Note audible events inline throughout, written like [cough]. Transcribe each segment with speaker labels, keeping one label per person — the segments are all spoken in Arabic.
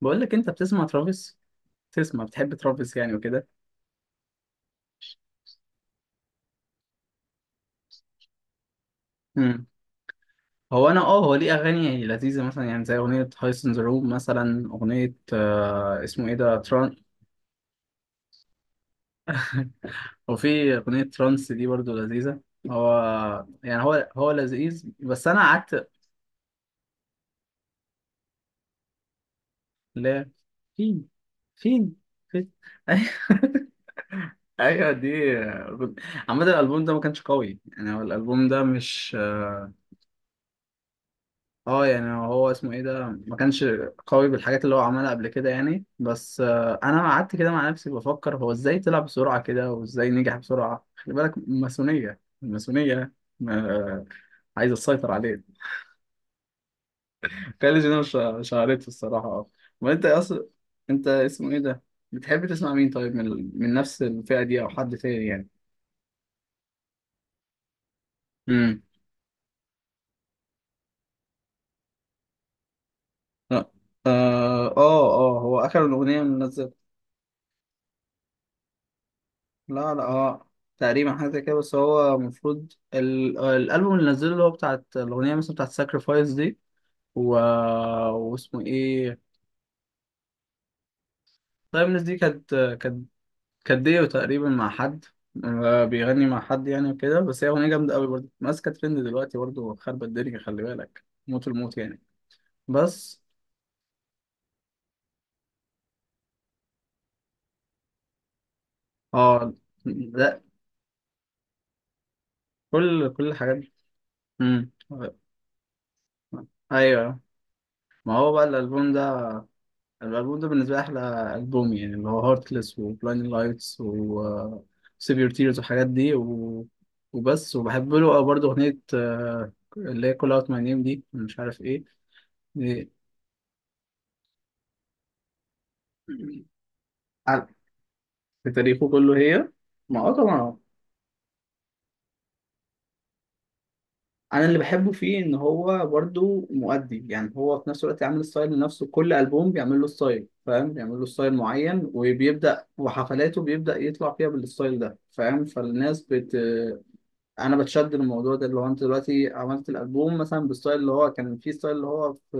Speaker 1: بقول لك انت بتسمع ترافيس، تسمع بتحب ترافيس يعني وكده. امم هو، انا اه هو ليه اغاني لذيذه مثلا، يعني زي اغنيه هايس ان ذا روم، مثلا اغنيه اسمه ايه ده، تران. وفي اغنيه ترانس دي برضو لذيذه. هو يعني هو لذيذ، بس انا قعدت. لا، فين، فين، فين. [laughs] ايوه دي. عامة الألبوم ده ما كانش قوي يعني، هو الألبوم ده مش اه يعني، هو اسمه ايه ده، ما كانش قوي بالحاجات اللي هو عملها قبل كده يعني. بس انا قعدت كده مع نفسي بفكر هو ازاي طلع بسرعة كده، وازاي نجح بسرعة. خلي بالك ماسونية، الماسونية آه، عايزة تسيطر عليك. [laughs] كاليج، انا مش عارف الصراحة، اه. وانت اصلا، انت اسمه ايه ده، بتحب تسمع مين طيب، من من نفس الفئة دي، او حد تاني يعني؟ امم، اه، اه، هو اخر الاغنية منزل. لا لا اه، تقريبا حاجه زي كده. بس هو المفروض الالبوم اللي نزله، اللي هو بتاعت الاغنيه مثلا، بتاعت ساكرفايس دي. و... واسمه ايه؟ طيب الناس دي كانت كانت ديو تقريبا مع حد، بيغني مع حد يعني وكده. بس هي اغنيه جامده قوي برضه، ماسكه ترند دلوقتي برضه، خربت الدنيا، خلي بالك موت، الموت يعني. بس اه. لا، كل الحاجات دي. امم، ايوه. ما هو بقى الالبوم ده، الالبوم ده بالنسبه لي احلى البوم يعني، اللي هو هارتلess وبلايند لايتس و سيفير تيرز والحاجات دي وبس. وبحب له أوي برضه اغنيه اللي هي كول اوت ماي نيم دي، مش عارف ايه دي. [clears throat] عن- في تاريخه كله هي. ما اه طبعا. انا اللي بحبه فيه ان هو برضه مؤدي. يعني هو في نفس الوقت عامل ستايل لنفسه، كل البوم بيعمل له ستايل فاهم، بيعمل له ستايل معين، وبيبدا وحفلاته بيبدا يطلع فيها بالستايل ده فاهم. فالناس انا بتشد الموضوع ده، اللي هو انت دلوقتي عملت الالبوم مثلا بستايل، اللي هو كان في ستايل، اللي هو في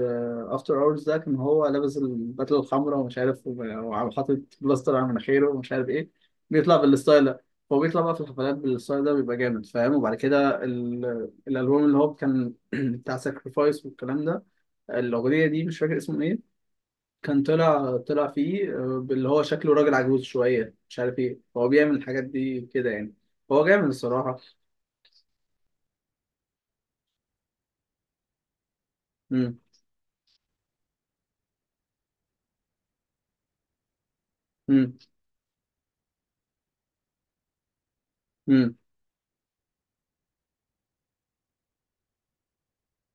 Speaker 1: افتر اورز ده، كان هو لابس البدله الحمراء ومش عارف حاطط بلاستر على مناخيره ومش عارف ايه. بيطلع بالستايل ده. هو بيطلع بقى في الحفلات بالستايل ده بيبقى جامد فاهم. وبعد كده الالبوم اللي هو كان [clears throat] بتاع ساكرفايس والكلام ده، الاغنيه دي مش فاكر اسمه ايه، كان طلع فيه اللي هو شكله راجل عجوز شويه، مش عارف ايه، هو بيعمل الحاجات دي كده يعني. هو جامد الصراحه. امم. امم. امم.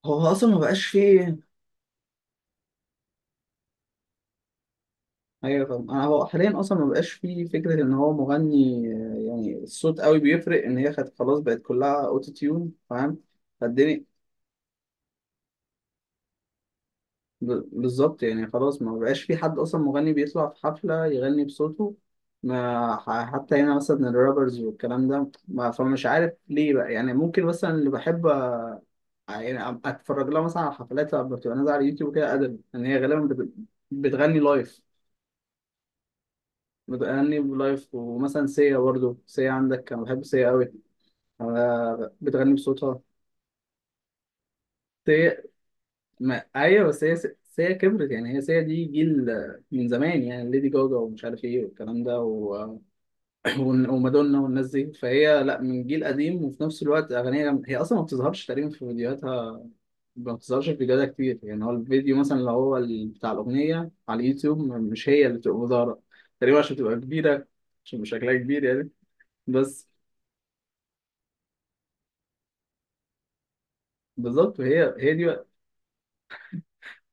Speaker 1: هو اصلا ما بقاش فيه. ايوه فاهم. انا هو حاليا اصلا ما بقاش فيه فكره ان هو مغني يعني الصوت قوي بيفرق، ان هي خد خلاص بقت كلها اوتو تيون فاهم. فالدنيا بالظبط يعني. خلاص ما بقاش في حد اصلا مغني بيطلع في حفله يغني بصوته. ما ح- حتى هنا مثلا الرابرز والكلام ده، ما، فمش عارف ليه بقى يعني. ممكن مثلا اللي بحب يعني اتفرج لها مثلا على حفلات بتبقى نازله على اليوتيوب كده، ادب ان هي غالبا بتغني لايف، بتغني بلايف. ومثلا سيا برضو، سيا عندك، انا بحب سيا قوي. انا بتغني بصوتها. سيا. ما... ايوه. بس هي سيا، سيا كبرت يعني، هي سيا دي جيل من زمان. يعني ليدي جوجا ومش عارف ايه والكلام ده [clears throat] ومادونا والناس دي، فهي لا من جيل قديم وفي نفس الوقت اغانيها جامدة. هي اصلا ما بتظهرش تقريبا في فيديوهاتها، ما بتظهرش في فيديوهاتها كتير. يعني هو الفيديو مثلا، اللي هو بتاع الاغنيه على اليوتيوب، مش هي اللي بتبقى ظاهره تقريبا، عشان تبقى كبيره، عشان شكلها كبير يعني. بس بالظبط. وهي دي بقى،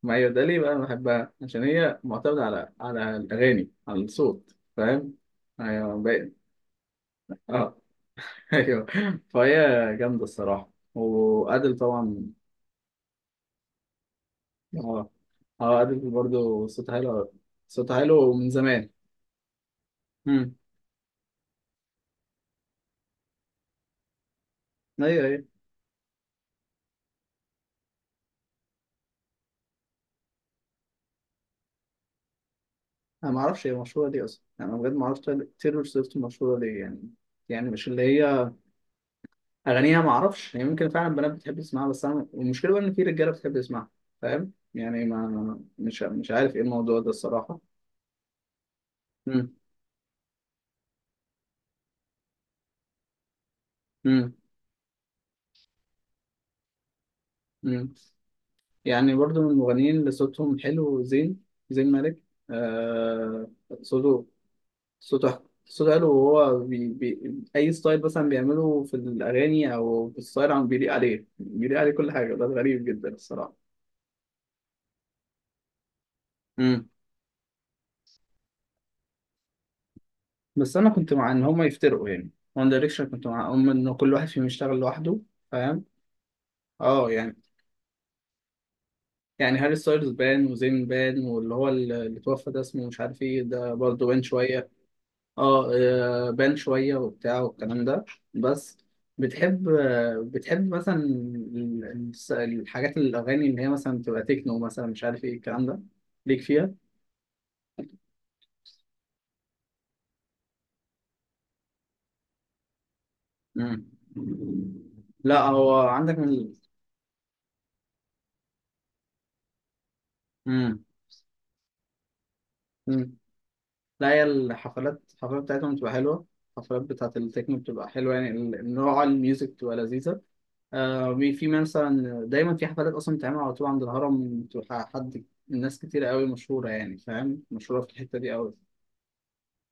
Speaker 1: ما هي ده ليه بقى انا بحبها، عشان هي معتمده على على الاغاني، على الصوت، فاهم؟ ايوه باين. اه. [laughs] ايوه. فهي جامده الصراحه، وادل طبعا. اه. اه، ادل برضه صوتها حلو، صوتها حلو من زمان. امم، ايوه، ايوه. انا ما اعرفش هي مشهوره ليه اصلا، يعني انا بجد ما اعرفش تايلور سويفت مشهوره ليه يعني. يعني مش اللي هي اغانيها، ما اعرفش يعني. ممكن فعلا بنات بتحب تسمعها، بس انا المشكله بقى ان في رجاله بتحب تسمعها فاهم. يعني ما مش عارف ايه الموضوع ده الصراحه. امم. امم. امم. يعني برضو من المغنيين اللي صوتهم حلو زين، زين مالك. آه صوته، صوته حلو. وهو بي اي ستايل مثلا بيعمله في الاغاني، او في الستايل عم بيليق عليه، بيليق عليه كل حاجه. ده غريب جدا الصراحه. بس انا كنت مع ان هما يفترقوا يعني، وان دايركشن كنت معاهم ان كل واحد فيهم يشتغل لوحده فاهم. اه يعني، يعني هاري ستايلز بان، وزين بان، واللي هو اللي توفى ده اسمه مش عارف ايه ده برضه بان شويه. اه بان شويه وبتاع والكلام ده. بس بتحب بتحب مثلا الحاجات، الاغاني اللي هي مثلا بتبقى تكنو مثلا، مش عارف ايه الكلام ده، ليك فيها؟ مم. لا هو عندك من. مم. مم. لا، هي الحفلات، الحفلات بتاعتهم بتبقى حلوة. الحفلات بتاعت التكنو بتبقى حلوة يعني، نوع الميوزك بتبقى لذيذة. آه في مثلا دايما في حفلات أصلا بتتعمل على طول عند الهرم، بتبقى حد ناس كتيرة قوي مشهورة يعني فاهم، مشهورة في الحتة دي قوي.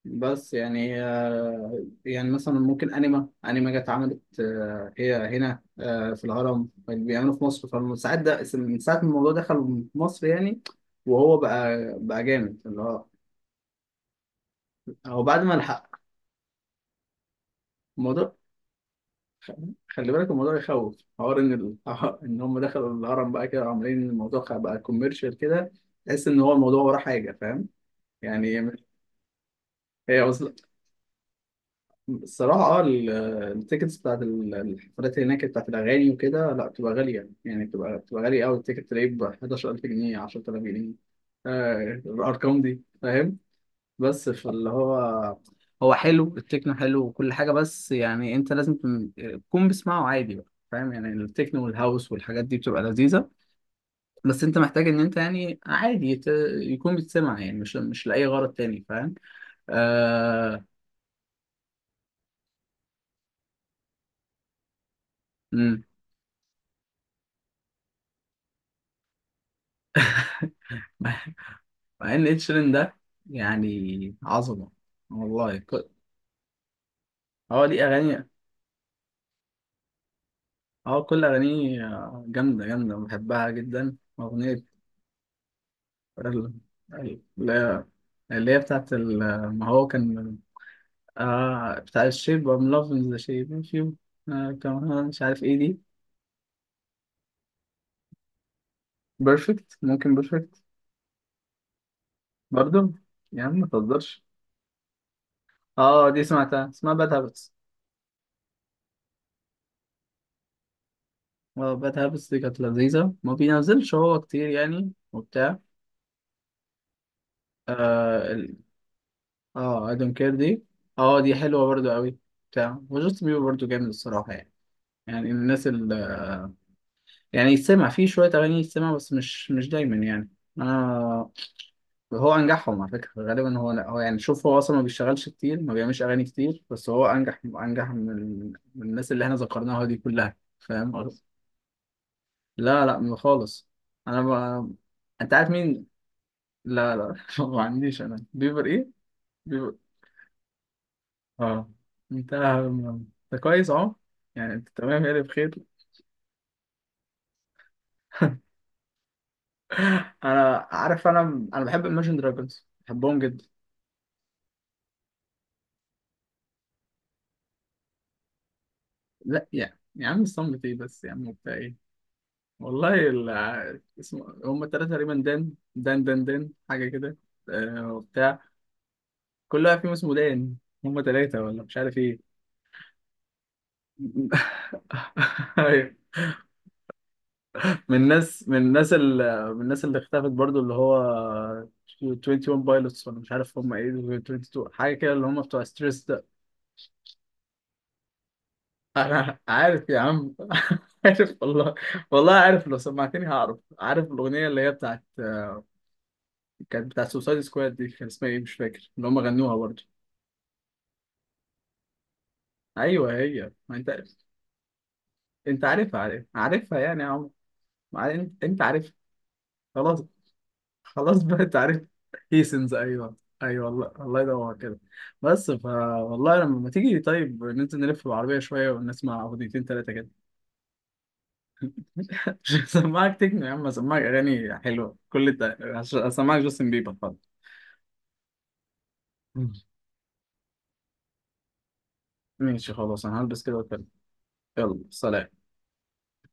Speaker 1: بس يعني يعني مثلا ممكن أنيما جت عملت هي هنا في الهرم بيعملوا في مصر. فمن ساعة ده، من ساعة ما الموضوع دخل مصر يعني، وهو بقى جامد اللي هو. هو بعد ما الحق الموضوع. خلي بالك الموضوع يخوف. حوار ان [laughs] ان هم دخلوا الهرم بقى كده، عاملين الموضوع بقى كوميرشال كده. تحس ان هو الموضوع وراه حاجه فاهم. يعني هي الصراحه اه التيكتس بتاعت الحفلات هناك بتاعت الاغاني وكده، لا بتبقى غاليه يعني، بتبقى غاليه قوي. التيكت تلاقيه ب 11,000 جنيه، 10,000 جنيه، الارقام دي فاهم. بس فاللي هو هو حلو التكنو، حلو وكل حاجة. بس يعني انت لازم تكون، تكون بتسمعه عادي بقى فاهم. يعني التكنو والهاوس والحاجات دي بتبقى لذيذة، بس انت محتاج ان انت يعني عادي يكون بتسمع يعني، مش لأي غرض تاني فاهم. آه... مم. مع ان اتشيرين ده يعني عظمة والله. هو ليه اغاني. اه كل اغانيه جامدة، جامدة بحبها جدا. اغنية ال- ال- اللي هي بتاعت ما هو كان بتاع الشيب، ام لافينج ذا شيب فيو كمان، مش عارف ايه دي. بيرفكت، ممكن بيرفكت برضو. يا عم ما تهزرش. اه دي سمعتها، اسمها باد هابتس. اه باد هابتس دي كانت لذيذة. ما بينزلش هو كتير يعني وبتاع. اه اه اي دونت كير دي، اه دي حلوة برضو قوي. بتاع وجاست بيبر برضو جامد الصراحة يعني. يعني الناس ال، يعني يتسمع فيه شوية أغاني، يتسمع، بس مش مش دايما يعني. أنا، هو انجحهم على فكره غالبا، هو هو يعني. شوف هو اصلا ما بيشتغلش كتير، ما بيعملش اغاني كتير، بس هو انجح، انجح من من الناس اللي احنا ذكرناها دي كلها فاهم قصدي؟ لا لا ما خالص. انا ما... انت عارف مين. لا لا [laughs] ما عنديش انا بيبر ايه، بيبر. اه انت، انت كويس اهو، يعني انت تمام يعني بخير. [laughs] انا عارف، انا بحب Imagine Dragons، بحبهم جدا. لا يعني يا عم صمت ايه بس يا عم وبتاع ايه. والله اسمه هم التلاتة تقريبا دان، دان دان دان، حاجة كده. آه وبتاع. كل واحد فيهم اسمه دان، هم تلاتة ولا مش عارف ايه. [laughs] أيوة. من الناس اللي اختفت برضو، اللي هو 21 بايلوتس، ولا مش عارف هم ايه دول، 22 حاجة كده، اللي هم بتوع ستريس ده. [laughs] انا عارف يا عم. [laughs] عارف والله، والله عارف. لو سمعتني هعرف، عارف الأغنية اللي هي بتاعت، كانت بتاعت سوسايد سكواد دي، كان اسمها ايه مش فاكر، اللي هم غنوها برضو. ايوه هي، ما انت انت عارفها، عارف عارفها يعني يا عمر. ما انت انت عارف. خلاص، خلاص بقى انت عارف. هيسنز، ايوه، ايوه والله. الله يدور كده. بس فا والله لما تيجي طيب، ننزل نلف بالعربيه شويه، ونسمع اغنيتين ثلاثه كده. [laughs] عشان اسمعك تكنو يا عم، اسمعك اغاني حلوه، كل ده عشان اسمعك جاستن بيبر خلاص. ماشي خلاص، انا هلبس كده واتكلم. يلا سلام.